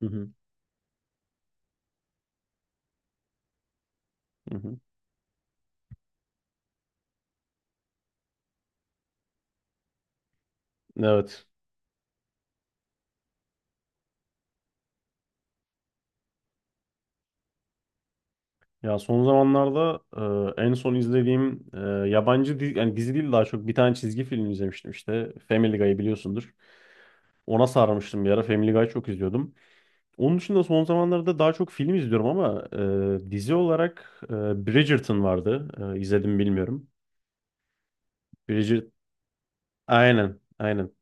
Hı hı, hı hı. Evet. Ya son zamanlarda en son izlediğim yabancı dizi, yani dizi değil daha çok bir tane çizgi film izlemiştim işte. Family Guy'ı biliyorsundur. Ona sarmıştım bir ara. Family Guy çok izliyordum. Onun dışında son zamanlarda daha çok film izliyorum ama dizi olarak Bridgerton vardı. E, izledim bilmiyorum. Bridget aynen, aynen.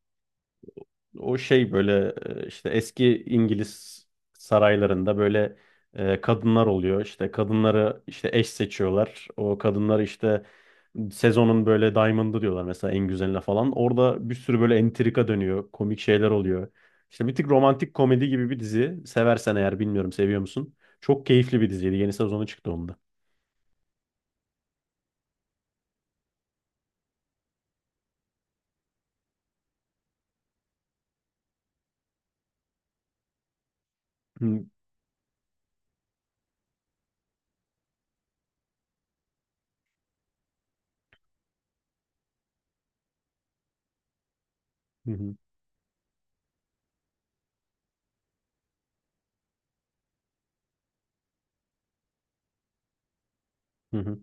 O şey böyle işte eski İngiliz saraylarında böyle kadınlar oluyor. İşte kadınları işte eş seçiyorlar. O kadınları işte sezonun böyle diamond'ı diyorlar mesela en güzeline falan. Orada bir sürü böyle entrika dönüyor. Komik şeyler oluyor. İşte bir tık romantik komedi gibi bir dizi. Seversen eğer bilmiyorum seviyor musun? Çok keyifli bir diziydi. Yeni sezonu çıktı onda. Hı hı hı. Hı.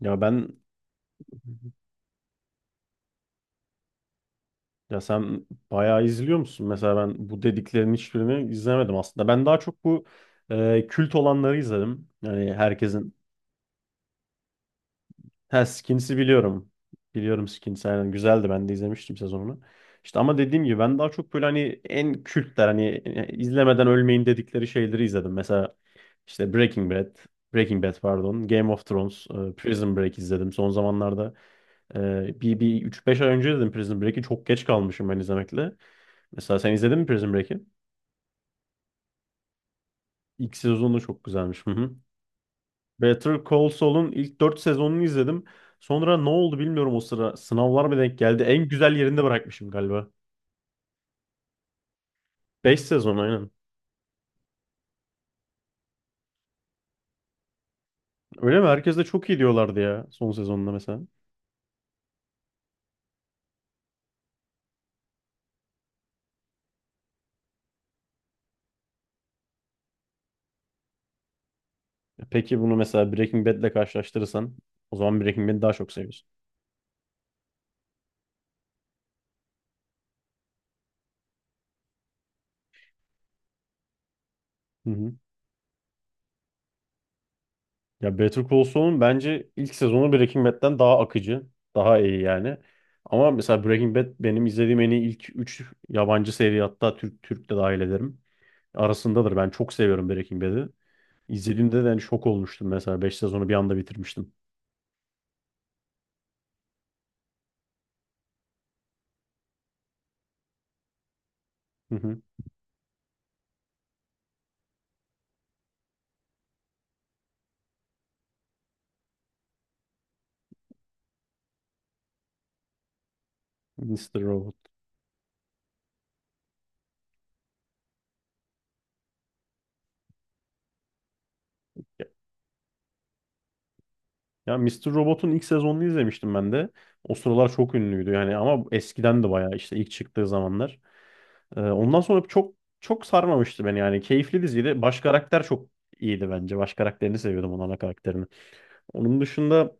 Ya ben Ya sen bayağı izliyor musun? Mesela ben bu dediklerin hiçbirini izlemedim aslında. Ben daha çok bu kült olanları izledim. Yani herkesin. Ha, Skins'i biliyorum. Biliyorum Skins. Aynen, güzeldi. Ben de izlemiştim sezonunu. İşte ama dediğim gibi ben daha çok böyle hani en kültler hani izlemeden ölmeyin dedikleri şeyleri izledim. Mesela işte Breaking Bad. Breaking Bad pardon. Game of Thrones. Prison Break izledim. Son zamanlarda bir üç beş ay önce dedim Prison Break'i. Çok geç kalmışım ben izlemekle. Mesela sen izledin mi Prison Break'i? İlk sezonu çok güzelmiş. Hı hı. Better Call Saul'un ilk 4 sezonunu izledim. Sonra ne oldu bilmiyorum o sıra. Sınavlar mı denk geldi? En güzel yerinde bırakmışım galiba. 5 sezon aynen. Öyle mi? Herkes de çok iyi diyorlardı ya son sezonunda mesela. Peki bunu mesela Breaking Bad'le karşılaştırırsan o zaman Breaking Bad'i daha çok seviyorsun. Hı hı. Ya Better Call Saul'un bence ilk sezonu Breaking Bad'den daha akıcı, daha iyi yani. Ama mesela Breaking Bad benim izlediğim en iyi ilk 3 yabancı seri, hatta Türk de dahil ederim. Arasındadır. Ben çok seviyorum Breaking Bad'i. İzlediğimde de hani şok olmuştum, mesela 5 sezonu bir anda bitirmiştim. Hı hı. Mr. Robot. Ya Mister Robot'un ilk sezonunu izlemiştim ben de. O sıralar çok ünlüydü yani ama eskiden de bayağı işte ilk çıktığı zamanlar. Ondan sonra çok çok sarmamıştı beni yani. Keyifli diziydi. Baş karakter çok iyiydi bence. Baş karakterini seviyordum onun, ana karakterini. Onun dışında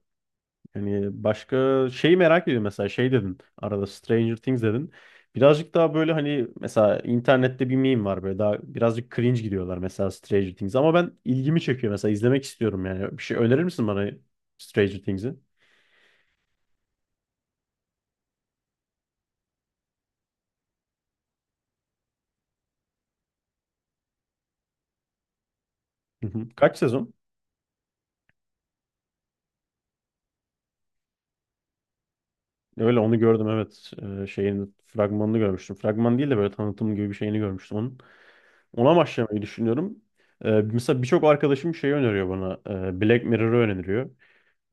hani başka şeyi merak ediyorum, mesela şey dedin. Arada Stranger Things dedin. Birazcık daha böyle hani mesela internette bir meme var, böyle daha birazcık cringe gidiyorlar mesela Stranger Things, ama ben ilgimi çekiyor, mesela izlemek istiyorum yani. Bir şey önerir misin bana Stranger Things'i? Hı hı. Kaç sezon? Öyle onu gördüm, evet. Şeyin fragmanını görmüştüm. Fragman değil de böyle tanıtım gibi bir şeyini görmüştüm onun. Ona başlamayı düşünüyorum. Mesela birçok arkadaşım şey öneriyor bana. Black Mirror'ı öneriyor.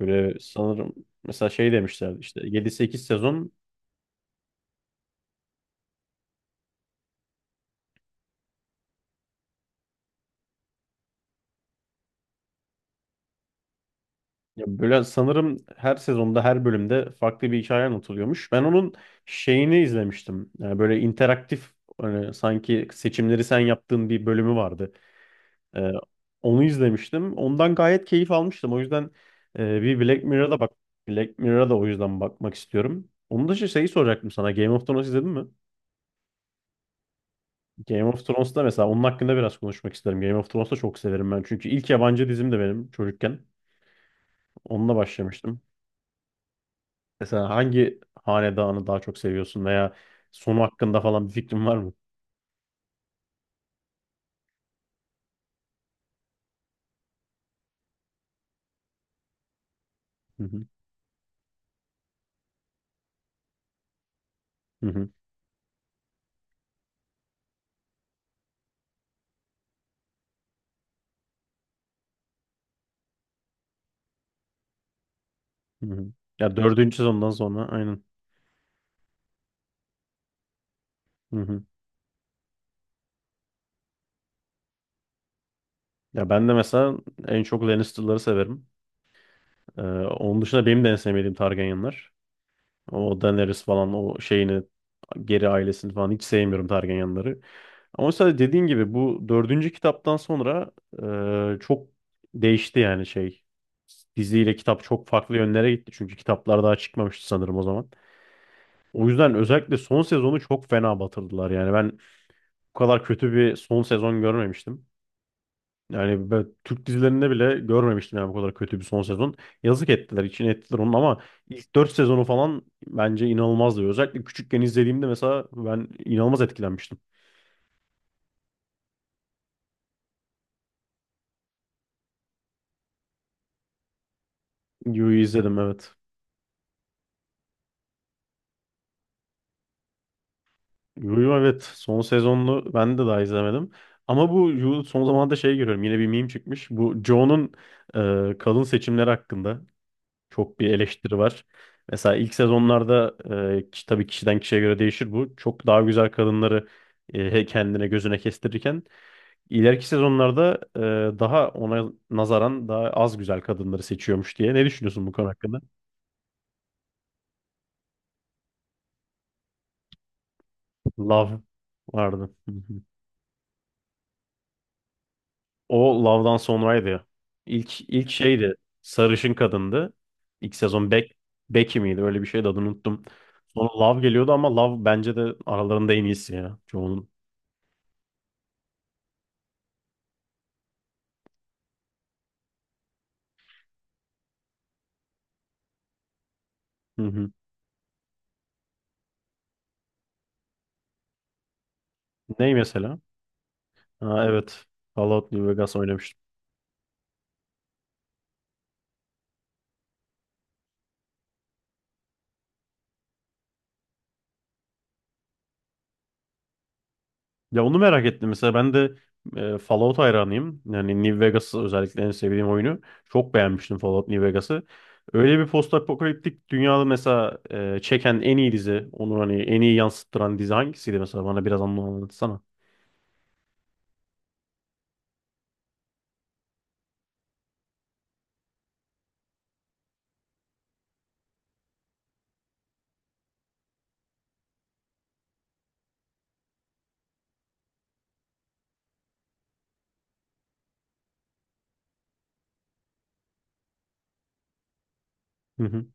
Böyle sanırım mesela şey demişlerdi, işte yedi sekiz sezon, ya böyle sanırım her sezonda her bölümde farklı bir hikaye anlatılıyormuş. Ben onun şeyini izlemiştim. Yani böyle interaktif, hani sanki seçimleri sen yaptığın bir bölümü vardı. Ee, onu izlemiştim. Ondan gayet keyif almıştım. O yüzden bir Black Mirror'a da bak. Black Mirror'a da o yüzden bakmak istiyorum. Onun dışı şeyi soracaktım sana. Game of Thrones izledin mi? Game of Thrones'ta, mesela onun hakkında biraz konuşmak isterim. Game of Thrones'ta çok severim ben. Çünkü ilk yabancı dizim de benim çocukken. Onunla başlamıştım. Mesela hangi hanedanı daha çok seviyorsun veya sonu hakkında falan bir fikrin var mı? Hı hı, hı hı, hı hı. Ya dördüncü sezondan sonra aynen. Hı hı. Ya ben de mesela en çok Lannister'ları severim. Ee, onun dışında benim de en sevmediğim Targaryenlar. O Daenerys falan, o şeyini, geri ailesini falan hiç sevmiyorum Targaryenları. Ama mesela dediğin gibi bu dördüncü kitaptan sonra çok değişti yani şey. Diziyle kitap çok farklı yönlere gitti, çünkü kitaplar daha çıkmamıştı sanırım o zaman. O yüzden özellikle son sezonu çok fena batırdılar, yani ben bu kadar kötü bir son sezon görmemiştim. Yani ben Türk dizilerinde bile görmemiştim yani, bu kadar kötü bir son sezon. Yazık ettiler, için ettiler onun, ama ilk 4 sezonu falan bence inanılmazdı. Özellikle küçükken izlediğimde mesela ben inanılmaz etkilenmiştim. Yu'yu izledim, evet. Yu'yu evet, son sezonunu ben de daha izlemedim. Ama bu Yu son zamanlarda şey görüyorum, yine bir meme çıkmış. Bu Joe'nun kadın seçimleri hakkında. Çok bir eleştiri var. Mesela ilk sezonlarda tabii kişiden kişiye göre değişir bu. Çok daha güzel kadınları kendine, gözüne kestirirken ileriki sezonlarda daha ona nazaran daha az güzel kadınları seçiyormuş diye. Ne düşünüyorsun bu konu hakkında? Love vardı. Hı hı. O Love'dan sonraydı ya. İlk şeydi. Sarışın kadındı. İlk sezon Becky miydi? Öyle bir şeydi, adını unuttum. Sonra Love geliyordu ama Love bence de aralarında en iyisi ya. Çoğunun. Hı hı. Ney mesela? Ha, evet. Fallout New Vegas oynamıştım. Ya onu merak ettim mesela. Ben de Fallout hayranıyım. Yani New Vegas özellikle en sevdiğim oyunu. Çok beğenmiştim Fallout New Vegas'ı. Öyle bir postapokaliptik dünyada mesela çeken en iyi dizi, onu hani en iyi yansıttıran dizi hangisiydi mesela? Bana biraz anlatsana. Hı hı.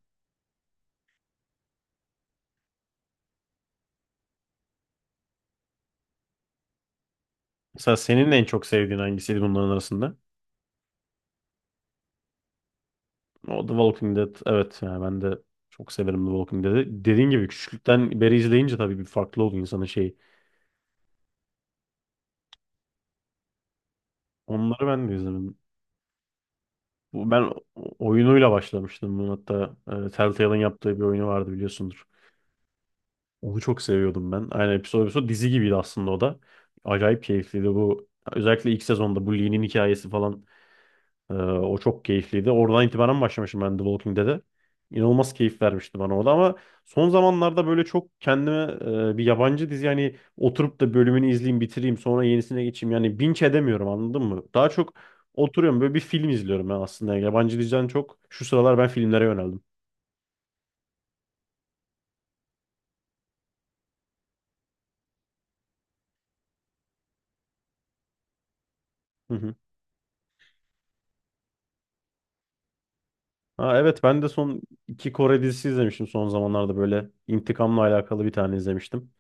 Mesela senin en çok sevdiğin hangisiydi bunların arasında? O The Walking Dead. Evet yani ben de çok severim The Walking Dead'i. Dediğin gibi küçüklükten beri izleyince tabii bir farklı oldu insanın şeyi. Onları ben de izledim. Ben oyunuyla başlamıştım bunun, hatta Telltale'ın yaptığı bir oyunu vardı biliyorsundur. Onu çok seviyordum ben. Aynen, episode episode dizi gibiydi aslında o da. Acayip keyifliydi bu. Özellikle ilk sezonda bu Lee'nin hikayesi falan, o çok keyifliydi. Oradan itibaren başlamışım ben The Walking Dead'e. İnanılmaz keyif vermişti bana o da, ama son zamanlarda böyle çok kendime bir yabancı dizi yani oturup da bölümünü izleyeyim, bitireyim, sonra yenisine geçeyim, yani binge edemiyorum, anladın mı? Daha çok oturuyorum böyle, bir film izliyorum ben aslında. Yani yabancı diziden çok şu sıralar ben filmlere yöneldim. Hı hı. Ha, evet ben de son iki Kore dizisi izlemiştim son zamanlarda, böyle intikamla alakalı bir tane izlemiştim.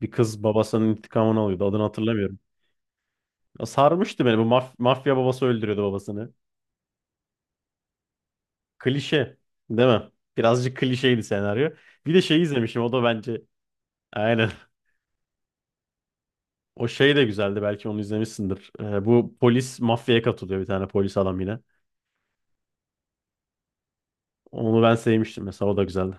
Bir kız babasının intikamını alıyordu, adını hatırlamıyorum. Ya sarmıştı beni. Bu mafya babası öldürüyordu babasını. Klişe, değil mi? Birazcık klişeydi senaryo. Bir de şey izlemişim. O da bence aynen. O şey de güzeldi. Belki onu izlemişsindir. Bu polis mafyaya katılıyor, bir tane polis adam yine. Onu ben sevmiştim mesela. O da güzeldi.